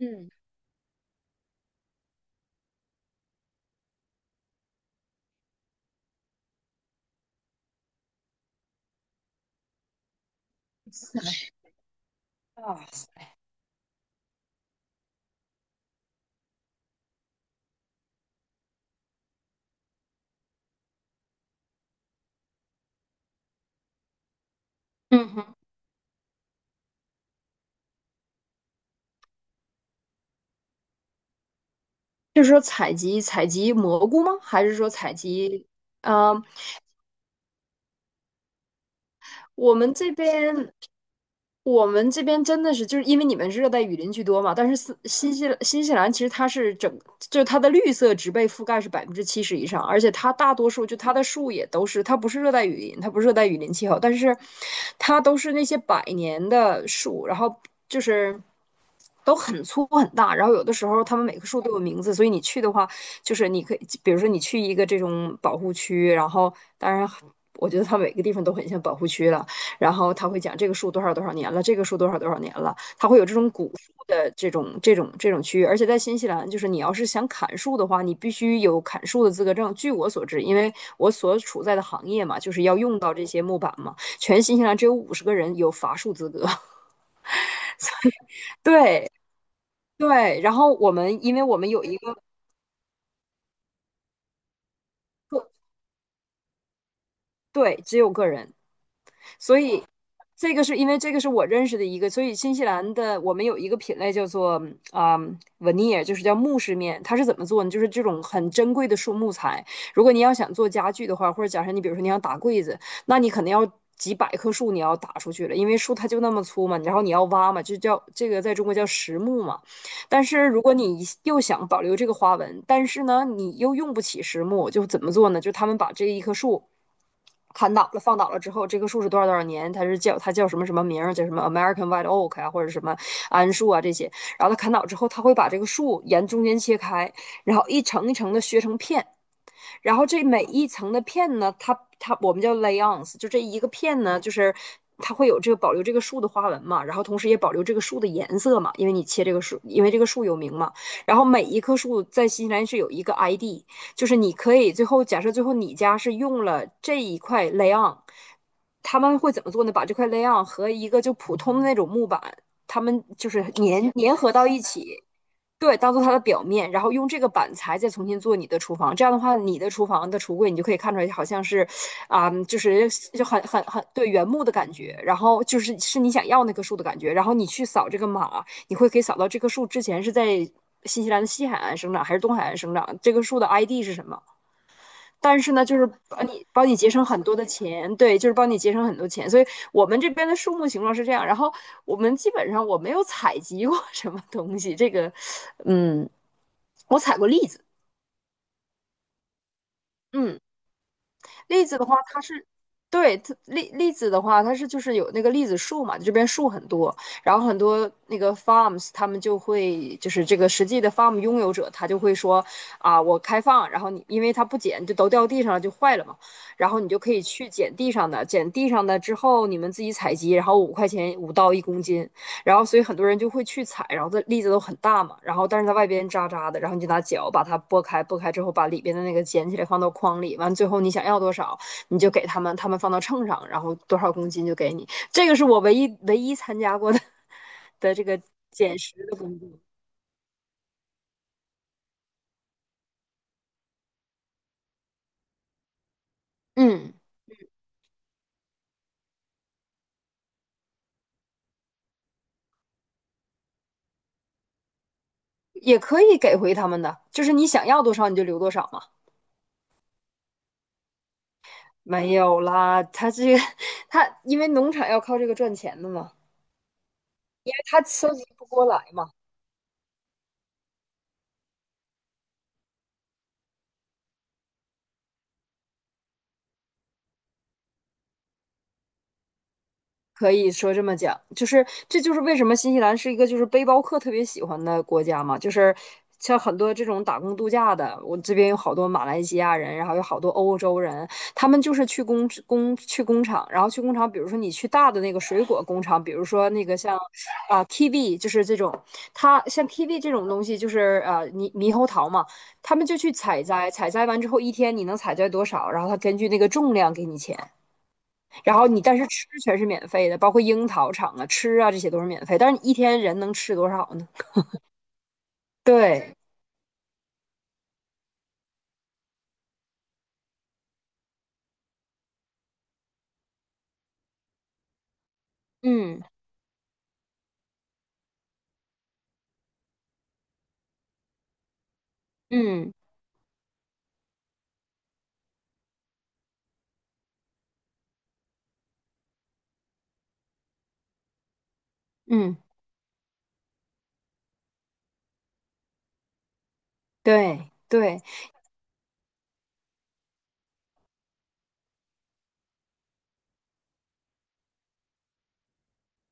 嗯，啊，嗯哼，就是说采集采集蘑菇吗？还是说采集？嗯？我们这边，我们这边真的是就是因为你们是热带雨林居多嘛，但是斯新西新西兰其实它是整，就是它的绿色植被覆盖是70%以上，而且它大多数就它的树也都是，它不是热带雨林，它不是热带雨林气候，但是它都是那些百年的树，然后就是都很粗很大，然后有的时候它们每棵树都有名字，所以你去的话，就是你可以，比如说你去一个这种保护区，然后当然我觉得它每个地方都很像保护区了。然后他会讲这个树多少多少年了，这个树多少多少年了，他会有这种古树的这种区域。而且在新西兰，就是你要是想砍树的话，你必须有砍树的资格证。据我所知，因为我所处在的行业嘛，就是要用到这些木板嘛，全新西兰只有50个人有伐树资格。对对，然后我们因为我们有一个对，只有个人。所以这个是因为这个是我认识的一个，所以新西兰的我们有一个品类叫做veneer,就是叫木饰面，它是怎么做呢？就是这种很珍贵的树木材，如果你要想做家具的话，或者假设你比如说你想打柜子，那你可能要。几百棵树你要打出去了，因为树它就那么粗嘛，然后你要挖嘛，就叫这个在中国叫实木嘛。但是如果你又想保留这个花纹，但是呢，你又用不起实木，就怎么做呢？就他们把这一棵树砍倒了，放倒了之后，这棵树是多少多少年，它叫什么什么名儿，叫什么 American White Oak 啊，或者什么桉树啊这些。然后它砍倒之后，它会把这个树沿中间切开，然后一层一层的削成片。然后这每一层的片呢，它我们叫 layons,就这一个片呢，就是它会有这个保留这个树的花纹嘛，然后同时也保留这个树的颜色嘛，因为你切这个树，因为这个树有名嘛。然后每一棵树在新西兰是有一个 ID,就是你可以最后假设最后你家是用了这一块 layon,他们会怎么做呢？把这块 layon 和一个就普通的那种木板，他们就是粘合到一起。对，当做它的表面，然后用这个板材再重新做你的厨房。这样的话，你的厨房的橱柜你就可以看出来，好像是，啊、就是就很对原木的感觉，然后就是你想要那棵树的感觉。然后你去扫这个码，你会可以扫到这棵树之前是在新西兰的西海岸生长还是东海岸生长，这棵树的 ID 是什么。但是呢，就是帮你节省很多的钱，对，就是帮你节省很多钱。所以我们这边的树木形状是这样，然后我们基本上我没有采集过什么东西，这个，嗯，我采过栗子，嗯。栗子的话，它是对它栗栗子的话，就是有那个栗子树嘛，这边树很多，然后很多那个 farms 他们就会就是这个实际的 farm 拥有者，他就会说啊，我开放，然后你因为它不捡就都掉地上了就坏了嘛，然后你就可以去捡地上的，捡地上的之后你们自己采集，然后5块钱五到1公斤，然后所以很多人就会去采，然后它栗子都很大嘛，然后但是它外边渣渣的，然后你就拿脚把它剥开，剥开之后把里边的那个捡起来放到筐里，完最后你想要多少你就给他们，他们放到秤上，然后多少公斤就给你。这个是我唯一参加过的 的这个捡食，嗯，也可以给回他们的，就是你想要多少你就留多少嘛。没有啦，他这个 他因为农场要靠这个赚钱的嘛，因为他收集不过来嘛。可以说这么讲，就是这就是为什么新西兰是一个就是背包客特别喜欢的国家嘛，就是像很多这种打工度假的，我这边有好多马来西亚人，然后有好多欧洲人，他们就是去工厂，然后去工厂，比如说你去大的那个水果工厂，比如说那个像kiwi,就是这种，它像 kiwi 这种东西就是猕猴桃嘛，他们就去采摘，采摘完之后一天你能采摘多少，然后他根据那个重量给你钱。然后你但是吃全是免费的，包括樱桃厂啊、吃啊这些都是免费。但是你一天人能吃多少呢？对，嗯嗯嗯，对对。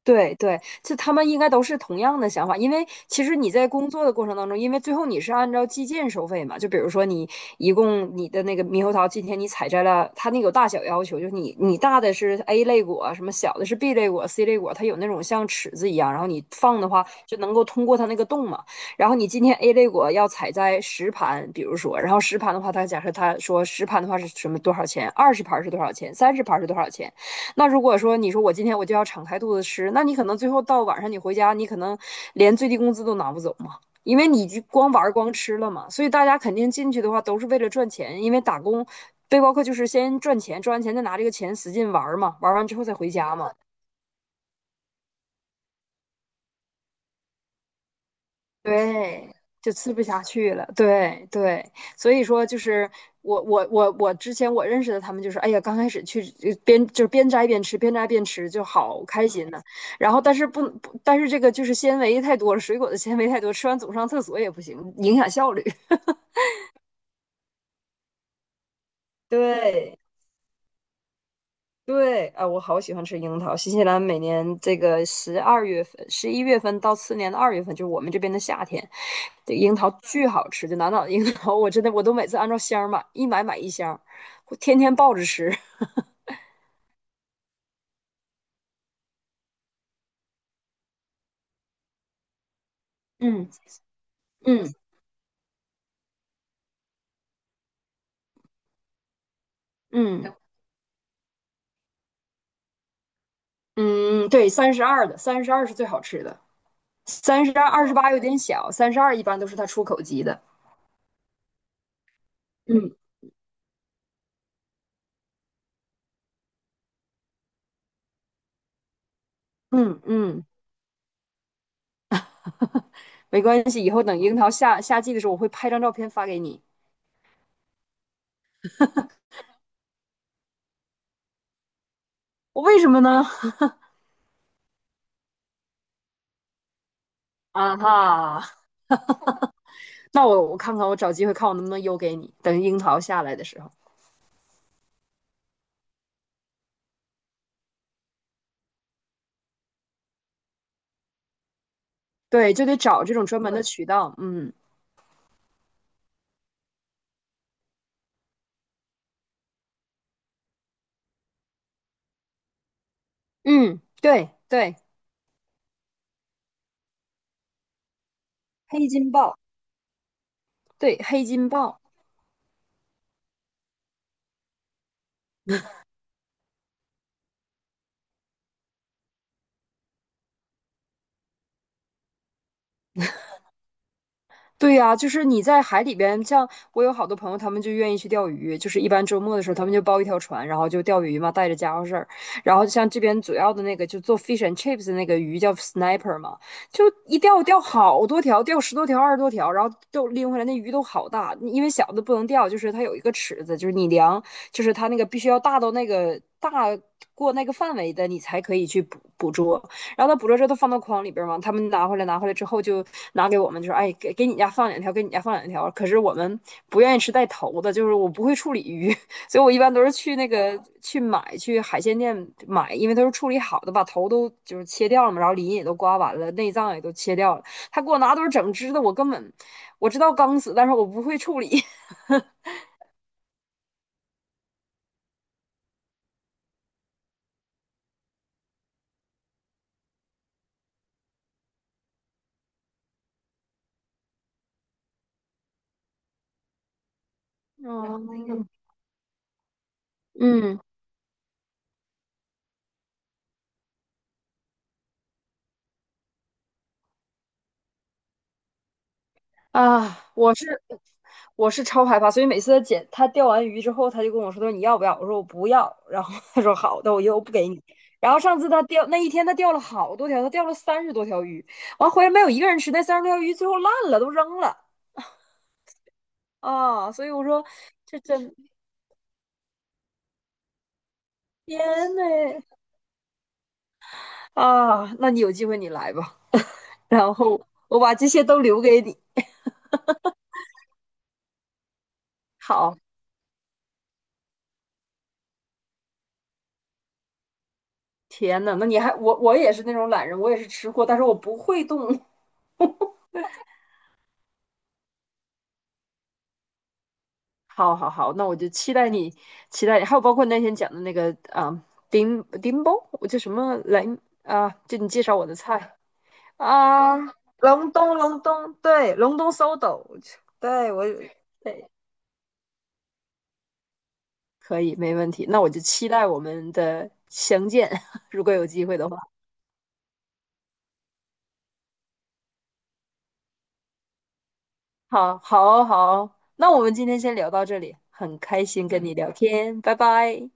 对对，这他们应该都是同样的想法，因为其实你在工作的过程当中，因为最后你是按照计件收费嘛，就比如说你一共你的那个猕猴桃，今天你采摘了，它那个有大小要求，就是你你大的是 A 类果，什么小的是 B 类果、C 类果，它有那种像尺子一样，然后你放的话就能够通过它那个洞嘛。然后你今天 A 类果要采摘10盘，比如说，然后十盘的话，它假设它说十盘的话是什么多少钱，20盘是多少钱，30盘是多少钱。那如果说你说我今天我就要敞开肚子吃，那你可能最后到晚上你回家，你可能连最低工资都拿不走嘛，因为你就光玩光吃了嘛。所以大家肯定进去的话都是为了赚钱，因为打工背包客就是先赚钱，赚完钱再拿这个钱使劲玩嘛，玩完之后再回家嘛。对，就吃不下去了。对对，所以说就是我之前我认识的他们就是，哎呀，刚开始去边就是边摘边吃，边摘边吃就好开心呢、然后但是不不，但是这个就是纤维太多了，水果的纤维太多，吃完总上厕所也不行，影响效率。对，对，啊，我好喜欢吃樱桃。新西兰每年这个12月份、11月份到次年的二月份，就是我们这边的夏天，这樱桃巨好吃。就南岛的樱桃，我真的我都每次按照箱儿买，一买买一箱儿我天天抱着吃。嗯嗯嗯 嗯，对，32的，三十二是最好吃的。三十二、28有点小，三十二一般都是它出口级的。嗯，嗯嗯，没关系，以后等樱桃下夏季的时候，我会拍张照片发给你。我为什么呢？啊哈。那我看看，我找机会看我能不能邮给你。等樱桃下来的时候，对，就得找这种专门的渠道。嗯嗯，对对，黑金豹，对黑金豹。对呀，就是你在海里边，像我有好多朋友，他们就愿意去钓鱼，就是一般周末的时候，他们就包一条船，然后就钓鱼嘛，带着家伙事儿。然后像这边主要的那个，就做 fish and chips 的那个鱼叫 sniper 嘛，就一钓钓好多条，钓十多条、20多条，然后都拎回来，那鱼都好大。因为小的不能钓，就是它有一个尺子，就是你量，就是它那个必须要大到那个大过那个范围的，你才可以去捕捉。然后他捕捉之后都放到筐里边嘛，他们拿回来之后就拿给我们，就说哎给你家放两条，给你家放两条。可是我们不愿意吃带头的，就是我不会处理鱼，所以我一般都是去那个去买去海鲜店买，因为都是处理好的，把头都就是切掉了嘛，然后鳞也都刮完了，内脏也都切掉了。他给我拿都是整只的，我根本我知道刚死，但是我不会处理。哦，嗯。啊，我是超害怕，所以每次他钓完鱼之后，他就跟我说："他说你要不要？"我说："我不要。"然后他说："好的，我又不给你。"然后上次他钓那一天，他钓了好多条，他钓了三十多条鱼，完回来没有一个人吃，那三十多条鱼最后烂了，都扔了啊！所以我说这真天呐啊！那你有机会你来吧，然后我把这些都留给你。好，天呐，那你还我也是那种懒人，我也是吃货，但是我不会动，好好好，那我就期待你，期待你，还有包括那天讲的那个啊，丁丁包，我叫什么来啊？就你介绍我的菜啊，隆冬，隆冬，对，隆冬搜斗，我去对我，对，可以，没问题。那我就期待我们的相见，如果有机会的话。好，好，好，那我们今天先聊到这里，很开心跟你聊天，拜拜。